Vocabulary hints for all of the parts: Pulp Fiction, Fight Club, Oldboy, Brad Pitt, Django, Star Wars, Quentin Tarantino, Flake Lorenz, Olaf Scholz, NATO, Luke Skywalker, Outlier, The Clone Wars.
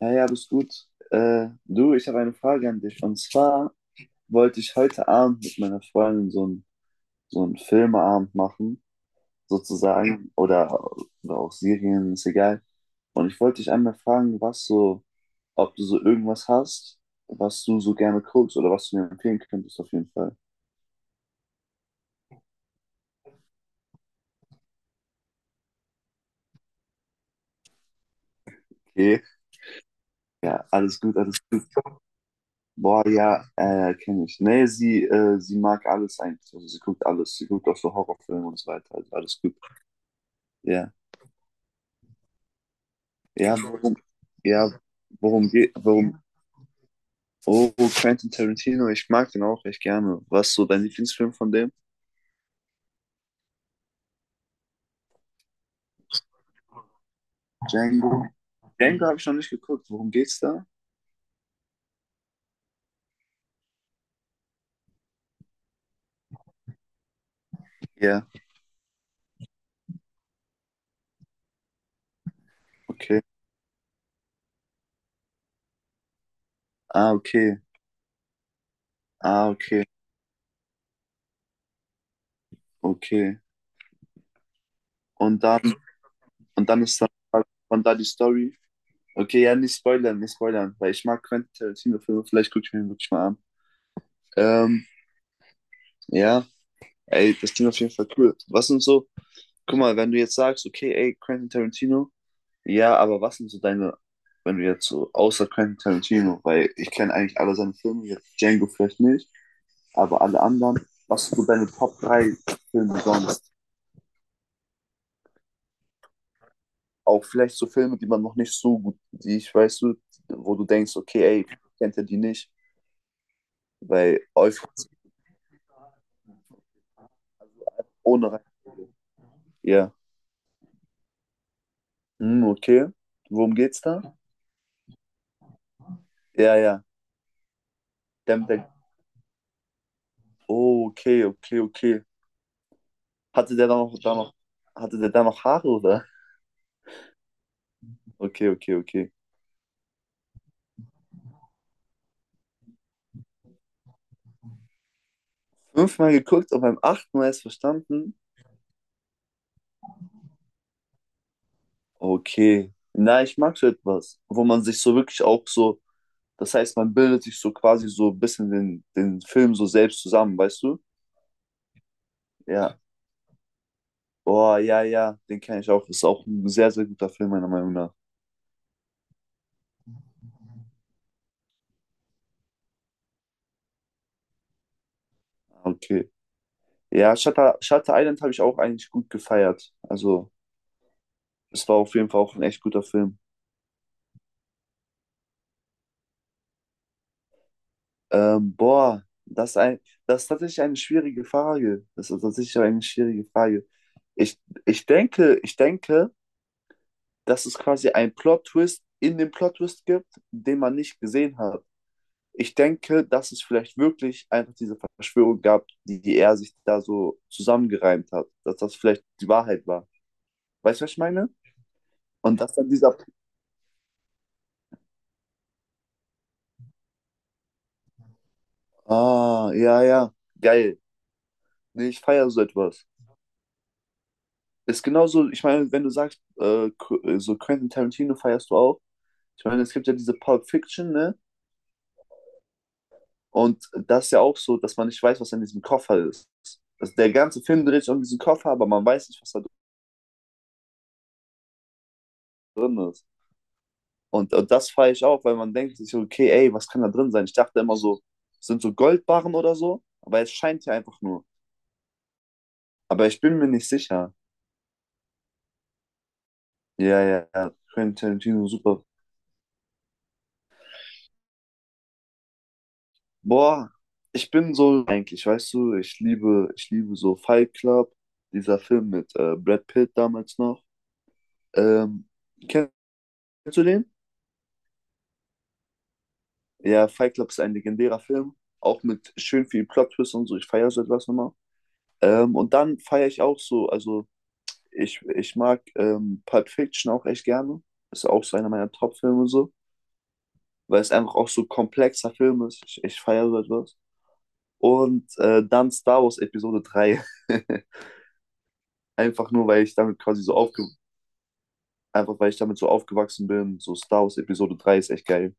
Ja, ja, alles gut. Du, ich habe eine Frage an dich. Und zwar wollte ich heute Abend mit meiner Freundin so einen Filmeabend machen, sozusagen, oder auch Serien, ist egal. Und ich wollte dich einmal fragen, ob du so irgendwas hast, was du so gerne guckst oder was du mir empfehlen könntest, auf jeden Fall. Okay. Ja, alles gut, alles. Boah, ja, kenne ich. Nee, sie mag alles eigentlich. Also sie guckt alles. Sie guckt auch so Horrorfilme und so weiter. Also alles gut. Ja. Ja, worum, ja, worum geht, worum, oh, Quentin Tarantino, ich mag den auch echt gerne. Was ist so dein Lieblingsfilm von dem? Django? Django habe ich noch nicht geguckt. Worum geht's da? Ja, okay. Ah, okay. Ah, okay. Okay. Und dann, und dann ist dann von da die Story. Okay, ja, nicht spoilern, nicht spoilern, weil ich mag Quentin Tarantino-Filme, vielleicht gucke ich mir den wirklich mal an. Ähm, ja, ey, das klingt auf jeden Fall cool. Guck mal, wenn du jetzt sagst, okay, ey, Quentin Tarantino, ja, aber was sind so deine, wenn du jetzt so, außer Quentin Tarantino, weil ich kenne eigentlich alle seine Filme, jetzt Django vielleicht nicht, aber alle anderen, was sind so deine Top 3 Filme sonst? Auch vielleicht so Filme, die man noch nicht so gut, die ich weißt du, wo du denkst, okay, ey, kennt er die nicht, weil Euphorie ohne Reihenfolge. Ja, hm, okay. Worum geht's da? Ja, ja. Dem, der, oh, okay, okay, okay. Hatte der da noch, da noch, hatte der da noch Haare, oder? Okay, okay, okay. Fünfmal geguckt und beim achten Mal erst verstanden. Okay. Na, ich mag so etwas, wo man sich so wirklich auch so, das heißt, man bildet sich so quasi so ein bisschen den Film so selbst zusammen, weißt du? Ja. Boah, ja, ja, den kenne ich auch. Ist auch ein sehr, sehr guter Film, meiner Meinung nach. Ah, okay. Ja, Shutter Island habe ich auch eigentlich gut gefeiert. Also, es war auf jeden Fall auch ein echt guter Film. Boah, das ist ein, das ist tatsächlich eine schwierige Frage. Das ist tatsächlich eine schwierige Frage. Ich, ich denke, dass es quasi einen Plot-Twist in dem Plot-Twist gibt, den man nicht gesehen hat. Ich denke, dass es vielleicht wirklich einfach diese Verschwörung gab, die er sich da so zusammengereimt hat, dass das vielleicht die Wahrheit war. Weißt du, was ich meine? Und dass dann dieser... Ah, ja, ja, geil. Nee, ich feiere so etwas. Ist genauso, ich meine, wenn du sagst, so Quentin Tarantino feierst du auch. Ich meine, es gibt ja diese Pulp Fiction, ne? Und das ist ja auch so, dass man nicht weiß, was in diesem Koffer ist. Also der ganze Film dreht sich um diesen Koffer, aber man weiß nicht, was da drin ist. Und das feiere ich auch, weil man denkt sich, so, okay, ey, was kann da drin sein? Ich dachte immer so, sind so Goldbarren oder so, aber es scheint ja einfach nur. Aber ich bin mir nicht sicher. Ja, ja, ja. Quentin Tarantino, super. Boah, ich bin so eigentlich, weißt du, ich liebe so Fight Club, dieser Film mit Brad Pitt damals noch. Ähm, kennst du den? Ja, Fight Club ist ein legendärer Film, auch mit schön viel Plot-Twist und so. Ich feiere so etwas nochmal. Und dann feiere ich auch so, also ich, ich mag Pulp Fiction auch echt gerne. Ist auch so einer meiner Top-Filme so, weil es einfach auch so komplexer Film ist. Ich feiere so etwas. Und dann Star Wars Episode 3. Einfach nur, weil ich damit quasi so aufge einfach weil ich damit so aufgewachsen bin. So Star Wars Episode 3 ist echt geil.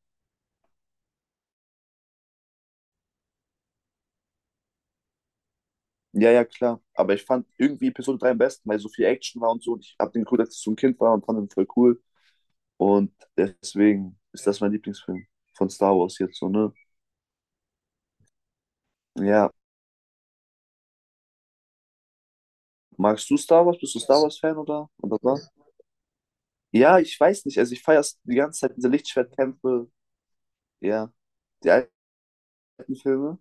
Ja, ja, klar. Aber ich fand irgendwie Episode 3 am besten, weil so viel Action war und so. Und ich habe den geguckt, als ich so ein Kind war und fand den voll cool. Und deswegen ist das mein Lieblingsfilm von Star Wars jetzt so, ne? Ja. Magst du Star Wars? Bist du Star Wars-Fan oder? Oder was? Ja, ich weiß nicht. Also ich feiere die ganze Zeit diese Lichtschwertkämpfe. Ja. Die alten Filme.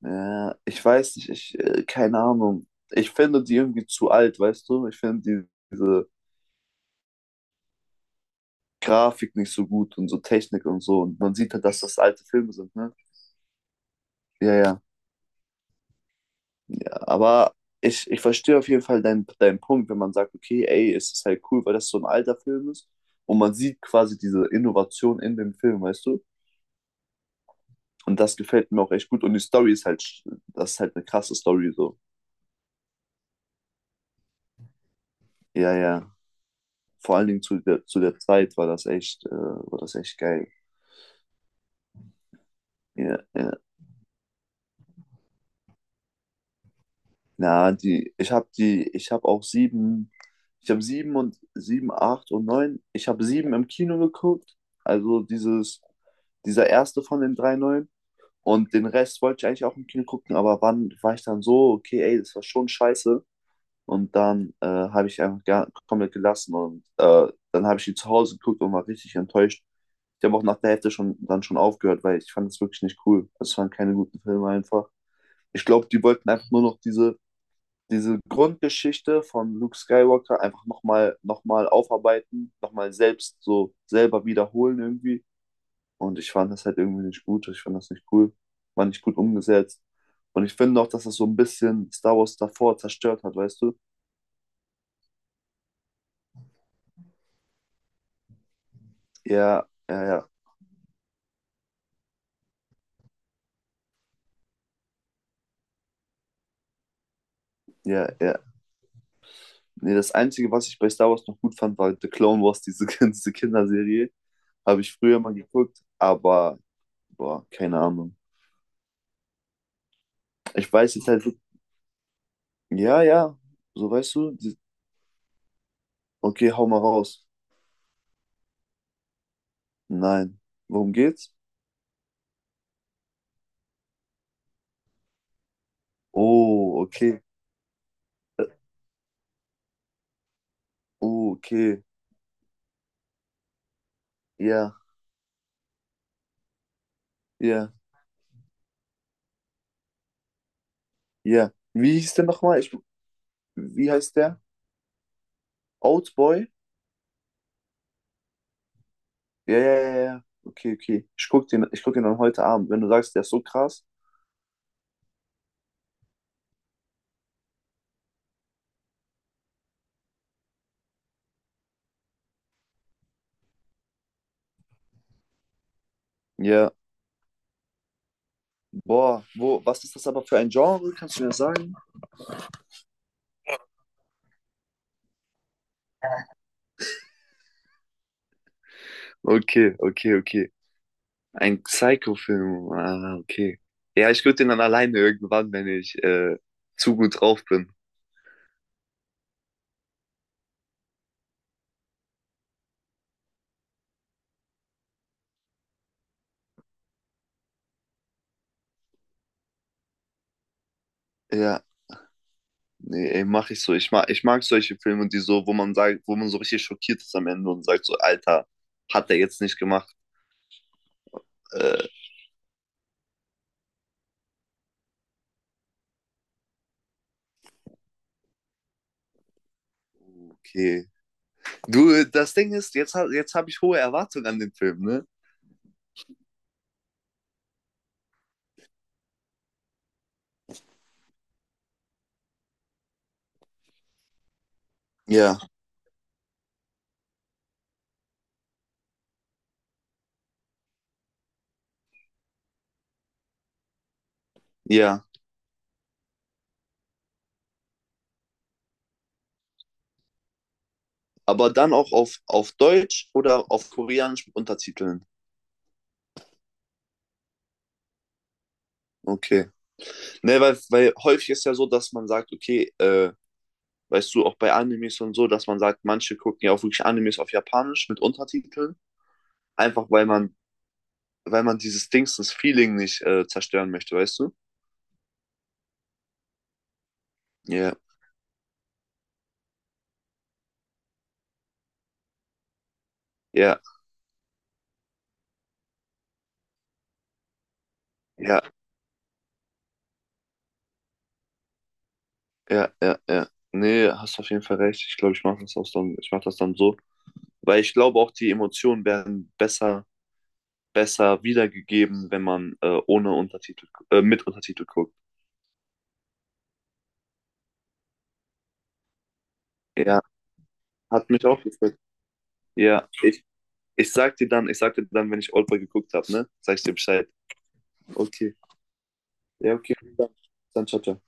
Ja, ich weiß nicht, keine Ahnung. Ich finde die irgendwie zu alt, weißt du? Ich finde diese Grafik nicht so gut und so Technik und so. Und man sieht halt, dass das alte Filme sind, ne? Ja, ja. Ja, aber ich verstehe auf jeden Fall deinen Punkt, wenn man sagt, okay, ey, es ist halt cool, weil das so ein alter Film ist. Und man sieht quasi diese Innovation in dem Film, weißt du? Und das gefällt mir auch echt gut. Und die Story ist das ist halt eine krasse Story, so. Ja, ja. Vor allen Dingen zu der Zeit war das echt geil. Ja, ja. Na, die, ich habe auch sieben, ich habe sieben und sieben, acht und neun. Ich habe sieben im Kino geguckt, also dieses, dieser erste von den drei neuen. Und den Rest wollte ich eigentlich auch im Kino gucken, aber wann war ich dann so, okay, ey, das war schon scheiße. Und dann habe ich einfach gar, komplett gelassen und dann habe ich die zu Hause geguckt und war richtig enttäuscht. Ich habe auch nach der Hälfte schon dann schon aufgehört, weil ich fand es wirklich nicht cool. Also es waren keine guten Filme einfach. Ich glaube, die wollten einfach nur noch diese Grundgeschichte von Luke Skywalker einfach noch mal aufarbeiten, nochmal selbst so selber wiederholen irgendwie. Und ich fand das halt irgendwie nicht gut. Ich fand das nicht cool. War nicht gut umgesetzt. Und ich finde auch, dass das so ein bisschen Star Wars davor zerstört hat, weißt du? Ja, ja, ja, ja, ja. Nee, das Einzige, was ich bei Star Wars noch gut fand, war The Clone Wars, diese Kinderserie. Habe ich früher mal geguckt, aber, boah, keine Ahnung. Ich weiß jetzt halt, ja, ja, so weißt du, die- okay, hau mal raus. Nein. Worum geht's? Oh, okay. Oh, okay. Ja, ja, ja. Wie hieß der nochmal? Ich, wie heißt der? Oldboy? Ja, ja, ja, ja. Okay, okay. Ich guck den dann heute Abend. Wenn du sagst, der ist so krass. Ja. Boah, was ist das aber für ein Genre? Kannst du mir das sagen? Okay, okay, okay. Ein Psycho-Film. Ah, okay. Ja, ich guck den dann alleine irgendwann, wenn ich zu gut drauf bin. Ja. Nee, ey, mach ich so. Ich mag solche Filme, die so, wo man sagt, wo man so richtig schockiert ist am Ende und sagt so, Alter, hat er jetzt nicht gemacht. Äh, okay. Du, das Ding ist, jetzt habe ich hohe Erwartungen an den Film, ne? Ja, ja. Aber dann auf Deutsch oder auf Koreanisch mit Untertiteln. Okay. Ne, weil häufig ist ja so, dass man sagt, okay, weißt du, auch bei Animes und so, dass man sagt, manche gucken ja auch wirklich Animes auf Japanisch mit Untertiteln. Einfach weil man dieses Dings, das Feeling nicht zerstören möchte, weißt du? Ja, ja, ja, ja, ja, ja. Nee, hast auf jeden Fall recht. Ich glaube, ich mache das dann so. Weil ich glaube auch, die Emotionen werden besser, besser wiedergegeben, wenn man ohne Untertitel, mit Untertitel guckt. Ja, hat mich auch gefreut. Ja, ich sag dir dann, wenn ich Oldboy geguckt habe, ne? Sag ich dir Bescheid. Okay. Ja, okay. Dann ciao, ciao.